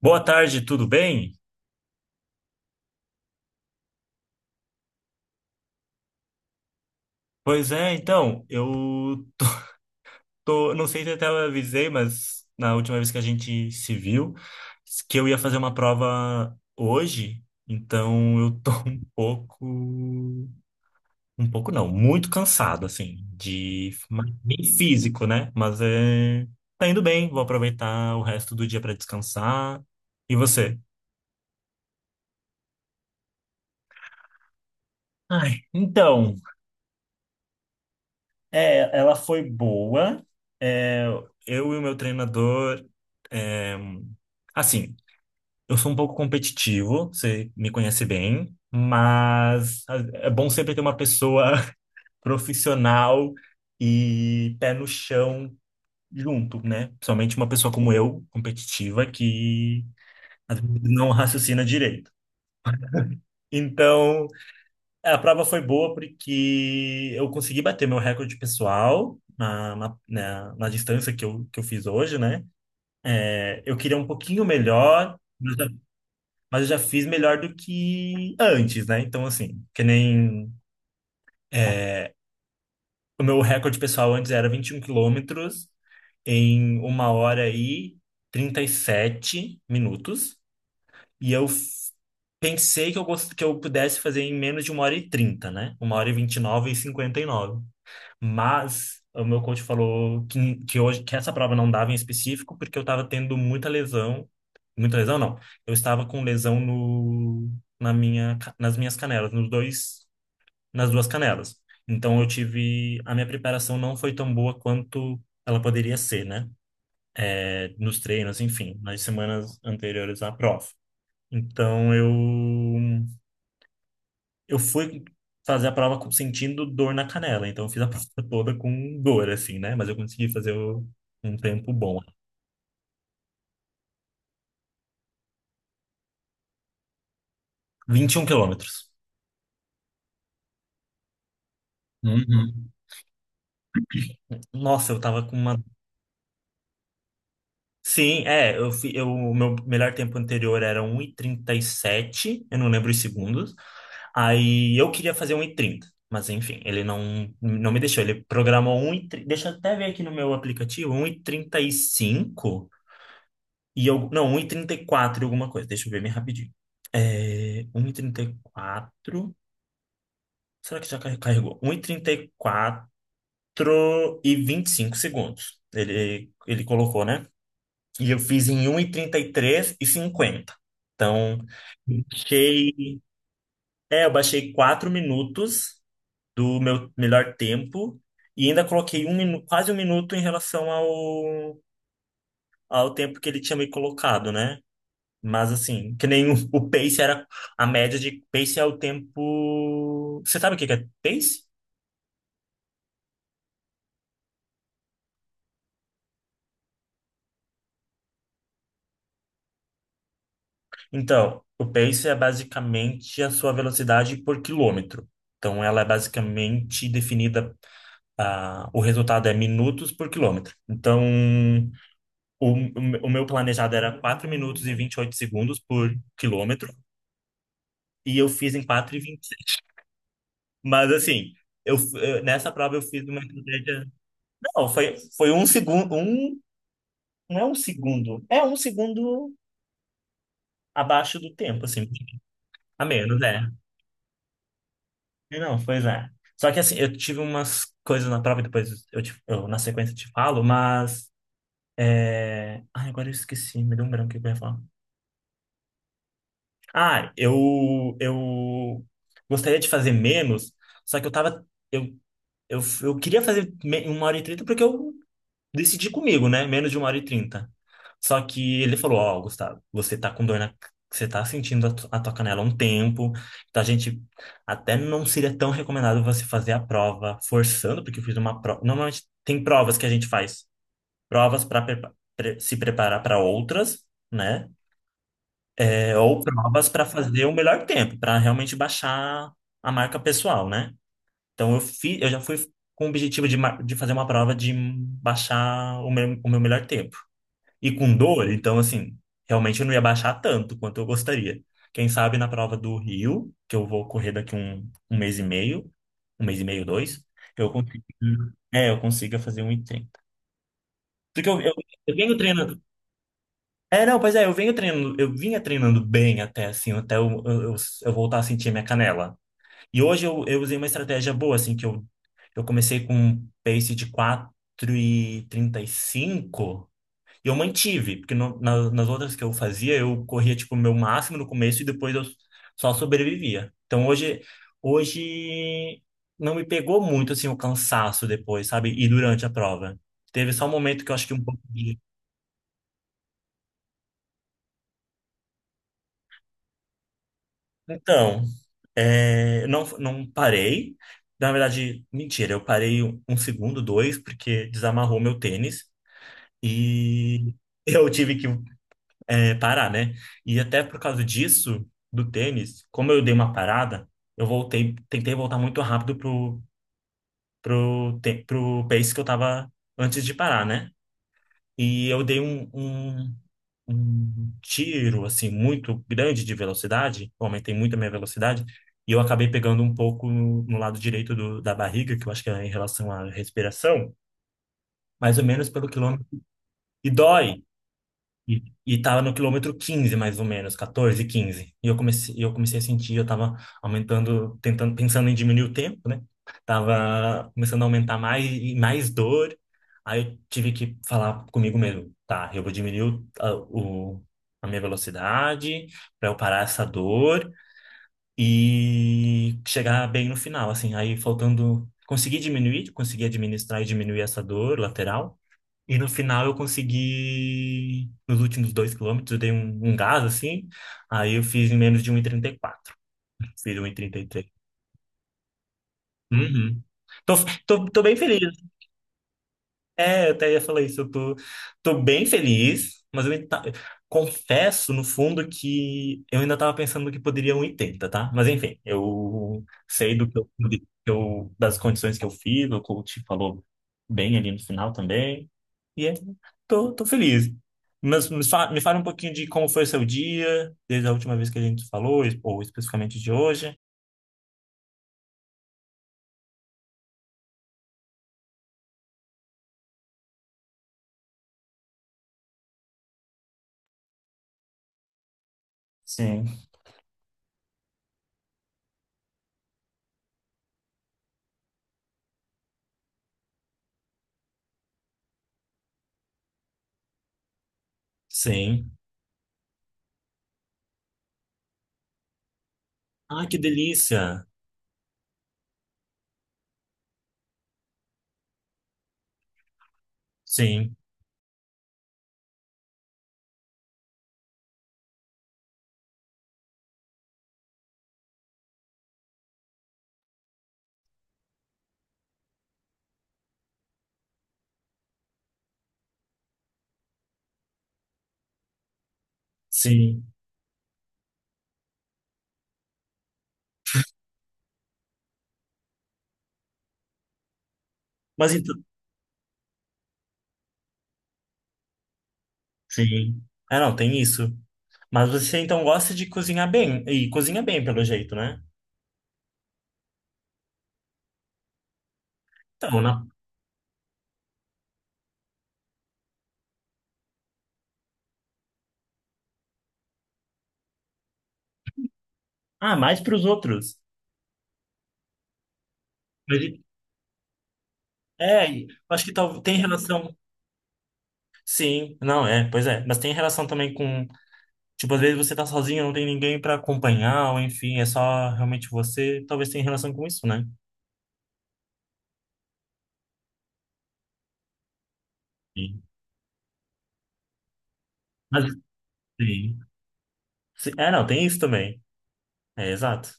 Boa tarde, tudo bem? Pois é, então, não sei se eu até eu avisei, mas na última vez que a gente se viu, que eu ia fazer uma prova hoje, então eu tô um pouco não, muito cansado, assim, mas bem físico, né? Mas é, tá indo bem, vou aproveitar o resto do dia para descansar. E você? Ai, então. É, ela foi boa. É, eu e o meu treinador. É, assim, eu sou um pouco competitivo, você me conhece bem, mas é bom sempre ter uma pessoa profissional e pé no chão junto, né? Principalmente uma pessoa como eu, competitiva, que às vezes não raciocina direito. Então, é, a prova foi boa porque eu consegui bater meu recorde pessoal na distância que eu fiz hoje, né? É, eu queria um pouquinho melhor, mas eu já fiz melhor do que antes, né? Então, assim, que nem é, o meu recorde pessoal antes era 21 quilômetros em uma hora e 37 minutos. E eu f- Pensei que que eu pudesse fazer em menos de uma hora e 30, né? Uma hora e 29 e nove e cinquenta e nove. Mas o meu coach falou que hoje que essa prova não dava em específico porque eu estava tendo muita lesão não. Eu estava com lesão no na minha ca- nas minhas canelas, nos dois nas duas canelas. Então eu tive a minha preparação não foi tão boa quanto ela poderia ser, né? É, nos treinos, enfim, nas semanas anteriores à prova. Então eu fui fazer a prova sentindo dor na canela, então eu fiz a prova toda com dor, assim, né? Mas eu consegui fazer um tempo bom. 21 quilômetros. Uhum. Nossa, eu tava com uma. Sim, é, o meu melhor tempo anterior era um e trinta e sete, eu não lembro os segundos. Aí eu queria fazer um e trinta, mas enfim, ele não me deixou. Ele programou um 1,30, deixa eu até ver aqui no meu aplicativo, um e trinta e cinco. E eu, não, um e trinta e quatro e alguma coisa. Deixa eu ver bem rapidinho. É, um e trinta e quatro. Será que já carregou? Um e trinta e quatro, 25 segundos. Ele colocou, né? E eu fiz em um e trinta e três e cinquenta. Então, eu baixei, eu baixei 4 minutos do meu melhor tempo e ainda coloquei quase um minuto em relação ao tempo que ele tinha me colocado, né? Mas assim, que nem o pace era a média de pace, é o tempo. Você sabe o que que é pace? Então, o pace é basicamente a sua velocidade por quilômetro. Então, ela é basicamente definida, o resultado é minutos por quilômetro. Então, o, o o meu planejado era 4 minutos e 28 segundos por quilômetro, e eu fiz em quatro e 26. Mas assim, nessa prova eu fiz uma estratégia. Não, foi, foi um segundo, um. Não é um segundo. É um segundo abaixo do tempo, assim. A menos, é. Não, pois é. Só que assim, eu tive umas coisas na prova, depois eu na sequência te falo, mas. Ai, agora eu esqueci, me deu um branco o que eu ia falar. Ah, eu gostaria de fazer menos, só que eu tava. Eu, eu queria fazer uma hora e trinta porque eu decidi comigo, né? Menos de uma hora e trinta. Só que ele falou, ó, Gustavo, você tá com dor na... Você tá sentindo a tua canela há um tempo. Então, a gente até não seria tão recomendado você fazer a prova forçando, porque eu fiz uma prova... Normalmente tem provas que a gente faz. Provas para se preparar para outras, né? É, ou provas para fazer o melhor tempo, para realmente baixar a marca pessoal, né? Então, eu já fui com o objetivo de fazer uma prova de baixar o meu melhor tempo e com dor, então assim, realmente eu não ia baixar tanto quanto eu gostaria. Quem sabe na prova do Rio, que eu vou correr daqui um mês e meio, um mês e meio, dois, eu consigo, eu consiga fazer um e trinta. Porque eu venho treinando. É, não, pois é, eu venho treinando, eu vinha treinando bem até assim, até eu voltar a sentir minha canela. E hoje eu usei uma estratégia boa, assim, que eu comecei com um pace de quatro e trinta e cinco, e eu mantive, porque nas outras que eu fazia, eu corria, tipo, o meu máximo no começo e depois eu só sobrevivia. Então, hoje não me pegou muito, assim, o cansaço depois, sabe? E durante a prova. Teve só um momento que eu acho que um pouco de... Então, é, não parei. Na verdade, mentira, eu parei um segundo, dois, porque desamarrou meu tênis. E eu tive que parar, né? E até por causa disso, do tênis, como eu dei uma parada, eu voltei, tentei voltar muito rápido pro pace que eu tava antes de parar, né? E eu dei um tiro, assim, muito grande de velocidade, eu aumentei muito a minha velocidade, e eu acabei pegando um pouco no lado direito da barriga, que eu acho que é em relação à respiração, mais ou menos pelo quilômetro. E dói. E tava no quilômetro 15 mais ou menos, 14, quinze. E eu comecei a sentir, eu tava aumentando, tentando, pensando em diminuir o tempo, né? Tava começando a aumentar mais e mais dor. Aí eu tive que falar comigo mesmo, tá, eu vou diminuir a minha velocidade para eu parar essa dor e chegar bem no final, assim. Aí faltando, consegui diminuir, consegui administrar e diminuir essa dor lateral. E no final eu consegui, nos últimos dois quilômetros, eu dei um gás assim, aí eu fiz em menos de um e trinta e quatro. Fiz um 1,33. Uhum. Tô, tô bem feliz. É, eu até ia falar isso. Eu tô bem feliz, mas eu ainda confesso, no fundo, que eu ainda tava pensando que poderia 1,80, tá? Mas enfim, eu sei do que eu, das condições que eu fiz, o coach falou bem ali no final também. E é, tô feliz. Mas me fala um pouquinho de como foi o seu dia, desde a última vez que a gente falou, ou especificamente de hoje. Sim. Sim. Ah, que delícia! Sim, sim. Mas então, sim. É, não, tem isso. Mas você então gosta de cozinhar bem. E cozinha bem, pelo jeito, né? Então, na... Ah, mais para os outros. Mas, é, e acho que tal... tem relação. Sim, não, é, pois é. Mas tem relação também com. Tipo, às vezes você tá sozinho, não tem ninguém para acompanhar, ou enfim, é só realmente você. Talvez tenha relação com isso, né? Sim. Mas, sim. Sim. É, não, tem isso também. É, exato.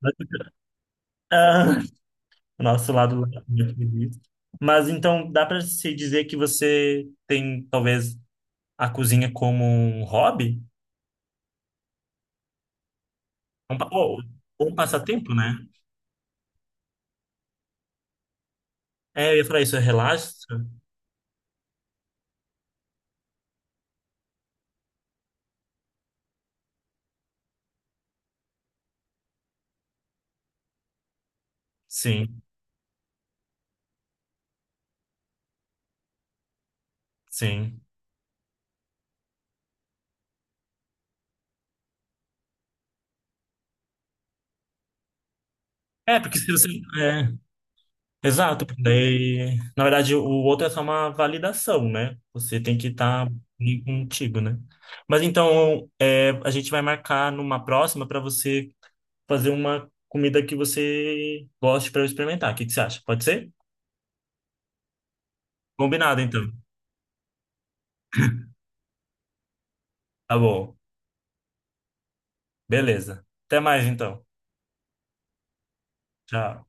Mas- o nosso lado latino aqui. Mas então dá para se dizer que você tem talvez a cozinha como um hobby? Ou um passatempo, né? É, eu ia falar isso, é relaxa? Sim, sim. É, porque se você. É, exato, porque daí. Na verdade, o outro é só uma validação, né? Você tem que estar contigo, né? Mas então, é, a gente vai marcar numa próxima para você fazer uma comida que você goste para eu experimentar. O que que você acha? Pode ser? Combinado, então. Tá bom. Beleza. Até mais, então. Tchau.